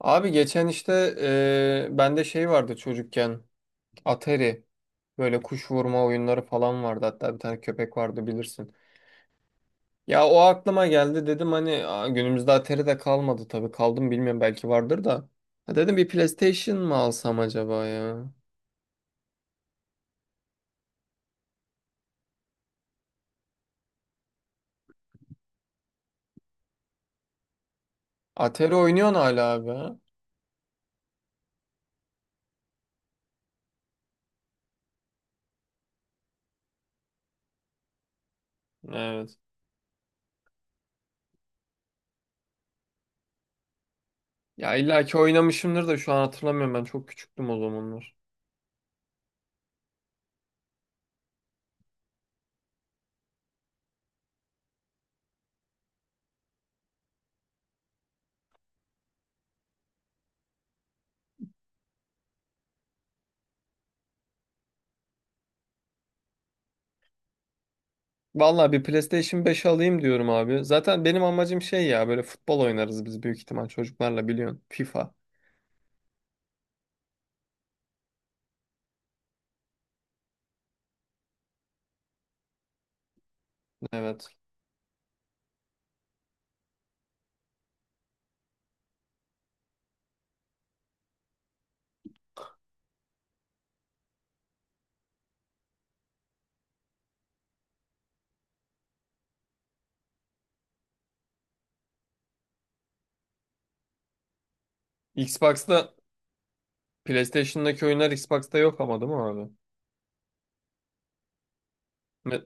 Abi geçen işte bende şey vardı çocukken Atari böyle kuş vurma oyunları falan vardı hatta bir tane köpek vardı bilirsin. Ya o aklıma geldi dedim hani "Aa, günümüzde Atari de kalmadı tabii kaldım bilmiyorum belki vardır da." Ha, dedim bir PlayStation mı alsam acaba ya? Atari oynuyorsun hala abi ha? Evet. Ya illa ki oynamışımdır da şu an hatırlamıyorum ben çok küçüktüm o zamanlar. Vallahi bir PlayStation 5 alayım diyorum abi. Zaten benim amacım şey ya böyle futbol oynarız biz büyük ihtimal çocuklarla biliyorsun. FIFA. Evet. Xbox'ta PlayStation'daki oyunlar Xbox'ta yok ama değil mi abi? Ne-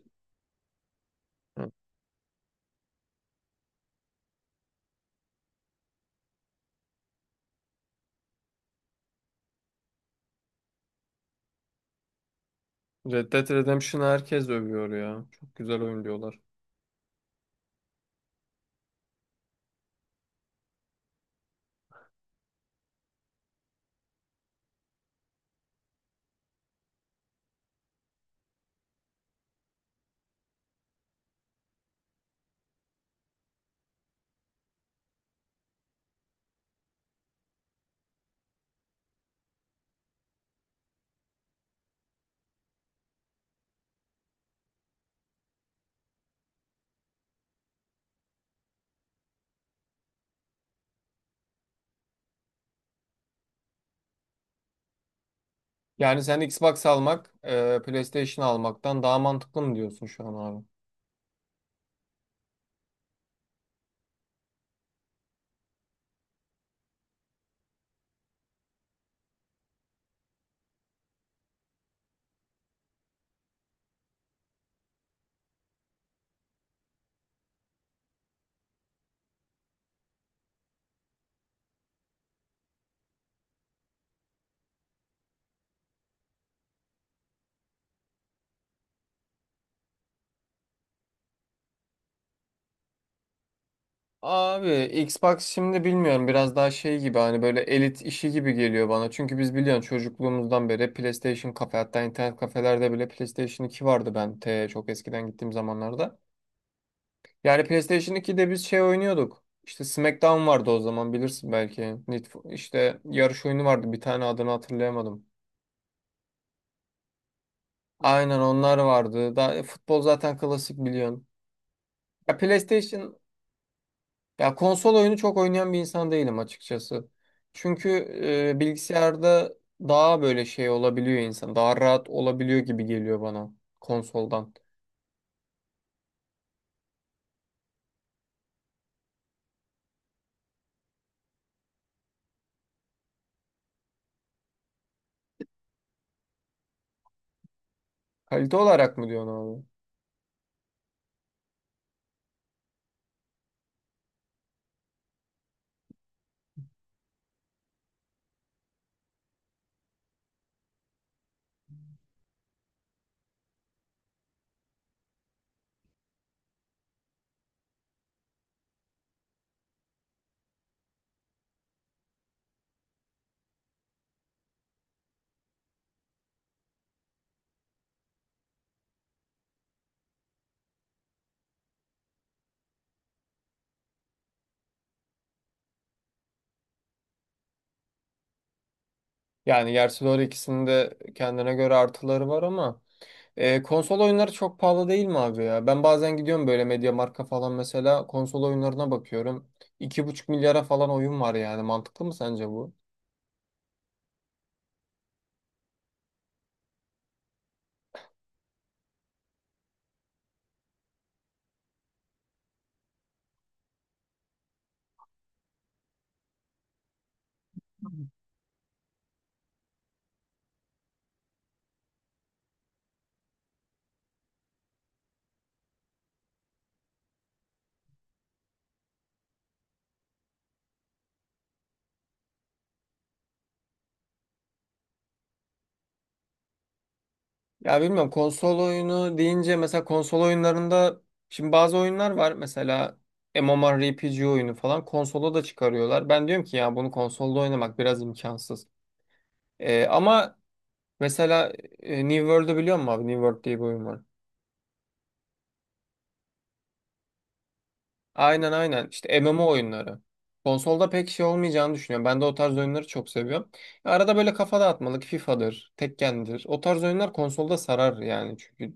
Red Dead Redemption'ı herkes övüyor ya. Çok güzel oyun diyorlar. Yani sen Xbox almak, PlayStation almaktan daha mantıklı mı diyorsun şu an abi? Abi Xbox şimdi bilmiyorum biraz daha şey gibi hani böyle elit işi gibi geliyor bana. Çünkü biz biliyorsun çocukluğumuzdan beri PlayStation kafe hatta internet kafelerde bile PlayStation 2 vardı ben te çok eskiden gittiğim zamanlarda. Yani PlayStation 2'de biz şey oynuyorduk. İşte SmackDown vardı o zaman bilirsin belki. Need for- işte yarış oyunu vardı bir tane adını hatırlayamadım. Aynen onlar vardı. Daha, futbol zaten klasik biliyorsun. Ya PlayStation Ya konsol oyunu çok oynayan bir insan değilim açıkçası. Çünkü bilgisayarda daha böyle şey olabiliyor insan. Daha rahat olabiliyor gibi geliyor bana konsoldan. Kalite olarak mı diyorsun abi? Yani gerçi doğru ikisinin de kendine göre artıları var ama konsol oyunları çok pahalı değil mi abi ya? Ben bazen gidiyorum böyle MediaMarkt'a falan mesela konsol oyunlarına bakıyorum. 2,5 milyara falan oyun var yani. Mantıklı mı sence bu? Ya bilmiyorum konsol oyunu deyince mesela konsol oyunlarında şimdi bazı oyunlar var mesela MMORPG oyunu falan konsola da çıkarıyorlar. Ben diyorum ki ya bunu konsolda oynamak biraz imkansız. Ama mesela New World'u biliyor musun abi? New World diye bir oyun var. Aynen aynen. İşte MMO oyunları. Konsolda pek şey olmayacağını düşünüyorum. Ben de o tarz oyunları çok seviyorum. Arada böyle kafa dağıtmalık FIFA'dır, Tekken'dir. O tarz oyunlar konsolda sarar yani çünkü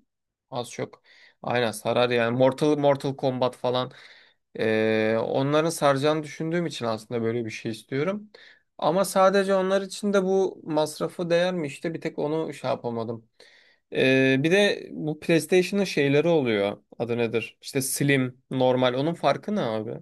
az çok. Aynen sarar yani. Mortal Kombat falan. Onların saracağını düşündüğüm için aslında böyle bir şey istiyorum. Ama sadece onlar için de bu masrafı değer mi işte bir tek onu şey yapamadım. Bir de bu PlayStation'ın şeyleri oluyor. Adı nedir? İşte slim, normal. Onun farkı ne abi?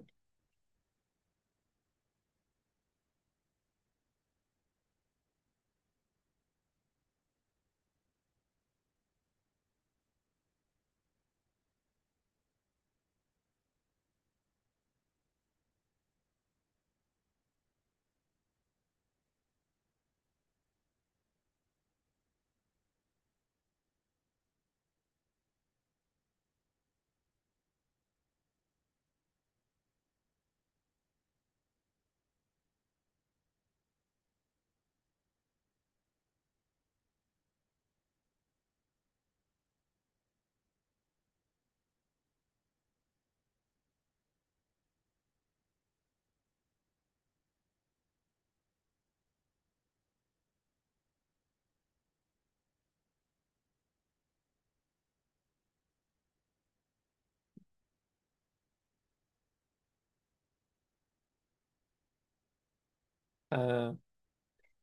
Ee,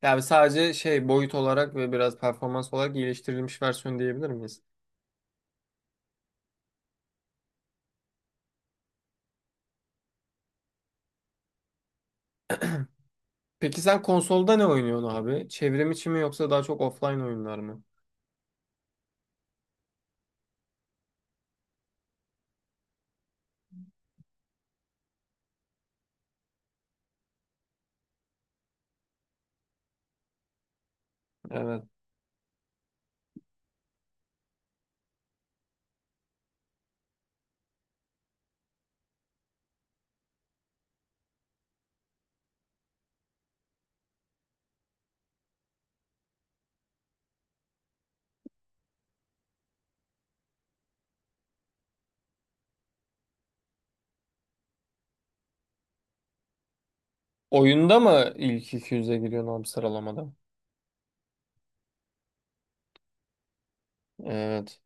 yani sadece şey boyut olarak ve biraz performans olarak iyileştirilmiş versiyon diyebilir miyiz? Peki sen konsolda ne oynuyorsun abi? Çevrim içi mi yoksa daha çok offline oyunlar mı? Evet. Oyunda mı ilk 200'e giriyorsun abi sıralamada? Evet.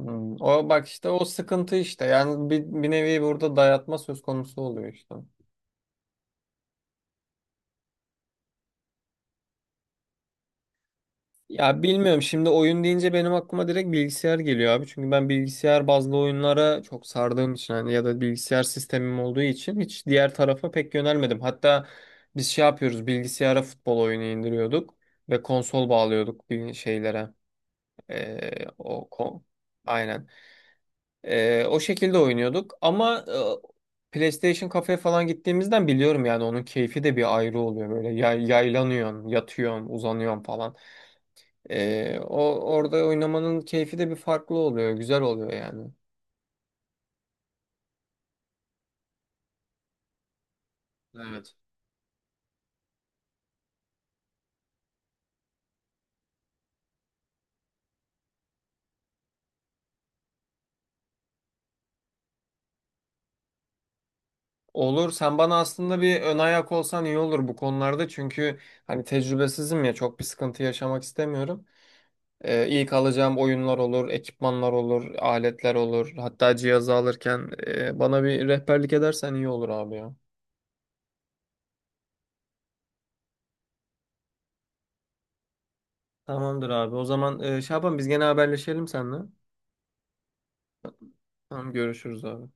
Hmm. O bak işte o sıkıntı işte. Yani bir nevi burada dayatma söz konusu oluyor işte. Ya bilmiyorum şimdi oyun deyince benim aklıma direkt bilgisayar geliyor abi. Çünkü ben bilgisayar bazlı oyunlara çok sardığım için hani ya da bilgisayar sistemim olduğu için hiç diğer tarafa pek yönelmedim. Hatta biz şey yapıyoruz bilgisayara futbol oyunu indiriyorduk ve konsol bağlıyorduk bir şeylere. O kon aynen. O şekilde oynuyorduk ama PlayStation kafeye falan gittiğimizden biliyorum yani onun keyfi de bir ayrı oluyor böyle yaylanıyorsun, yatıyorsun, uzanıyorsun falan. O orada oynamanın keyfi de bir farklı oluyor, güzel oluyor yani. Evet. Olur. Sen bana aslında bir ön ayak olsan iyi olur bu konularda. Çünkü hani tecrübesizim ya çok bir sıkıntı yaşamak istemiyorum. İlk alacağım oyunlar olur, ekipmanlar olur, aletler olur. Hatta cihazı alırken bana bir rehberlik edersen iyi olur abi ya. Tamamdır abi. O zaman Şaban biz gene haberleşelim seninle. Tamam görüşürüz abi.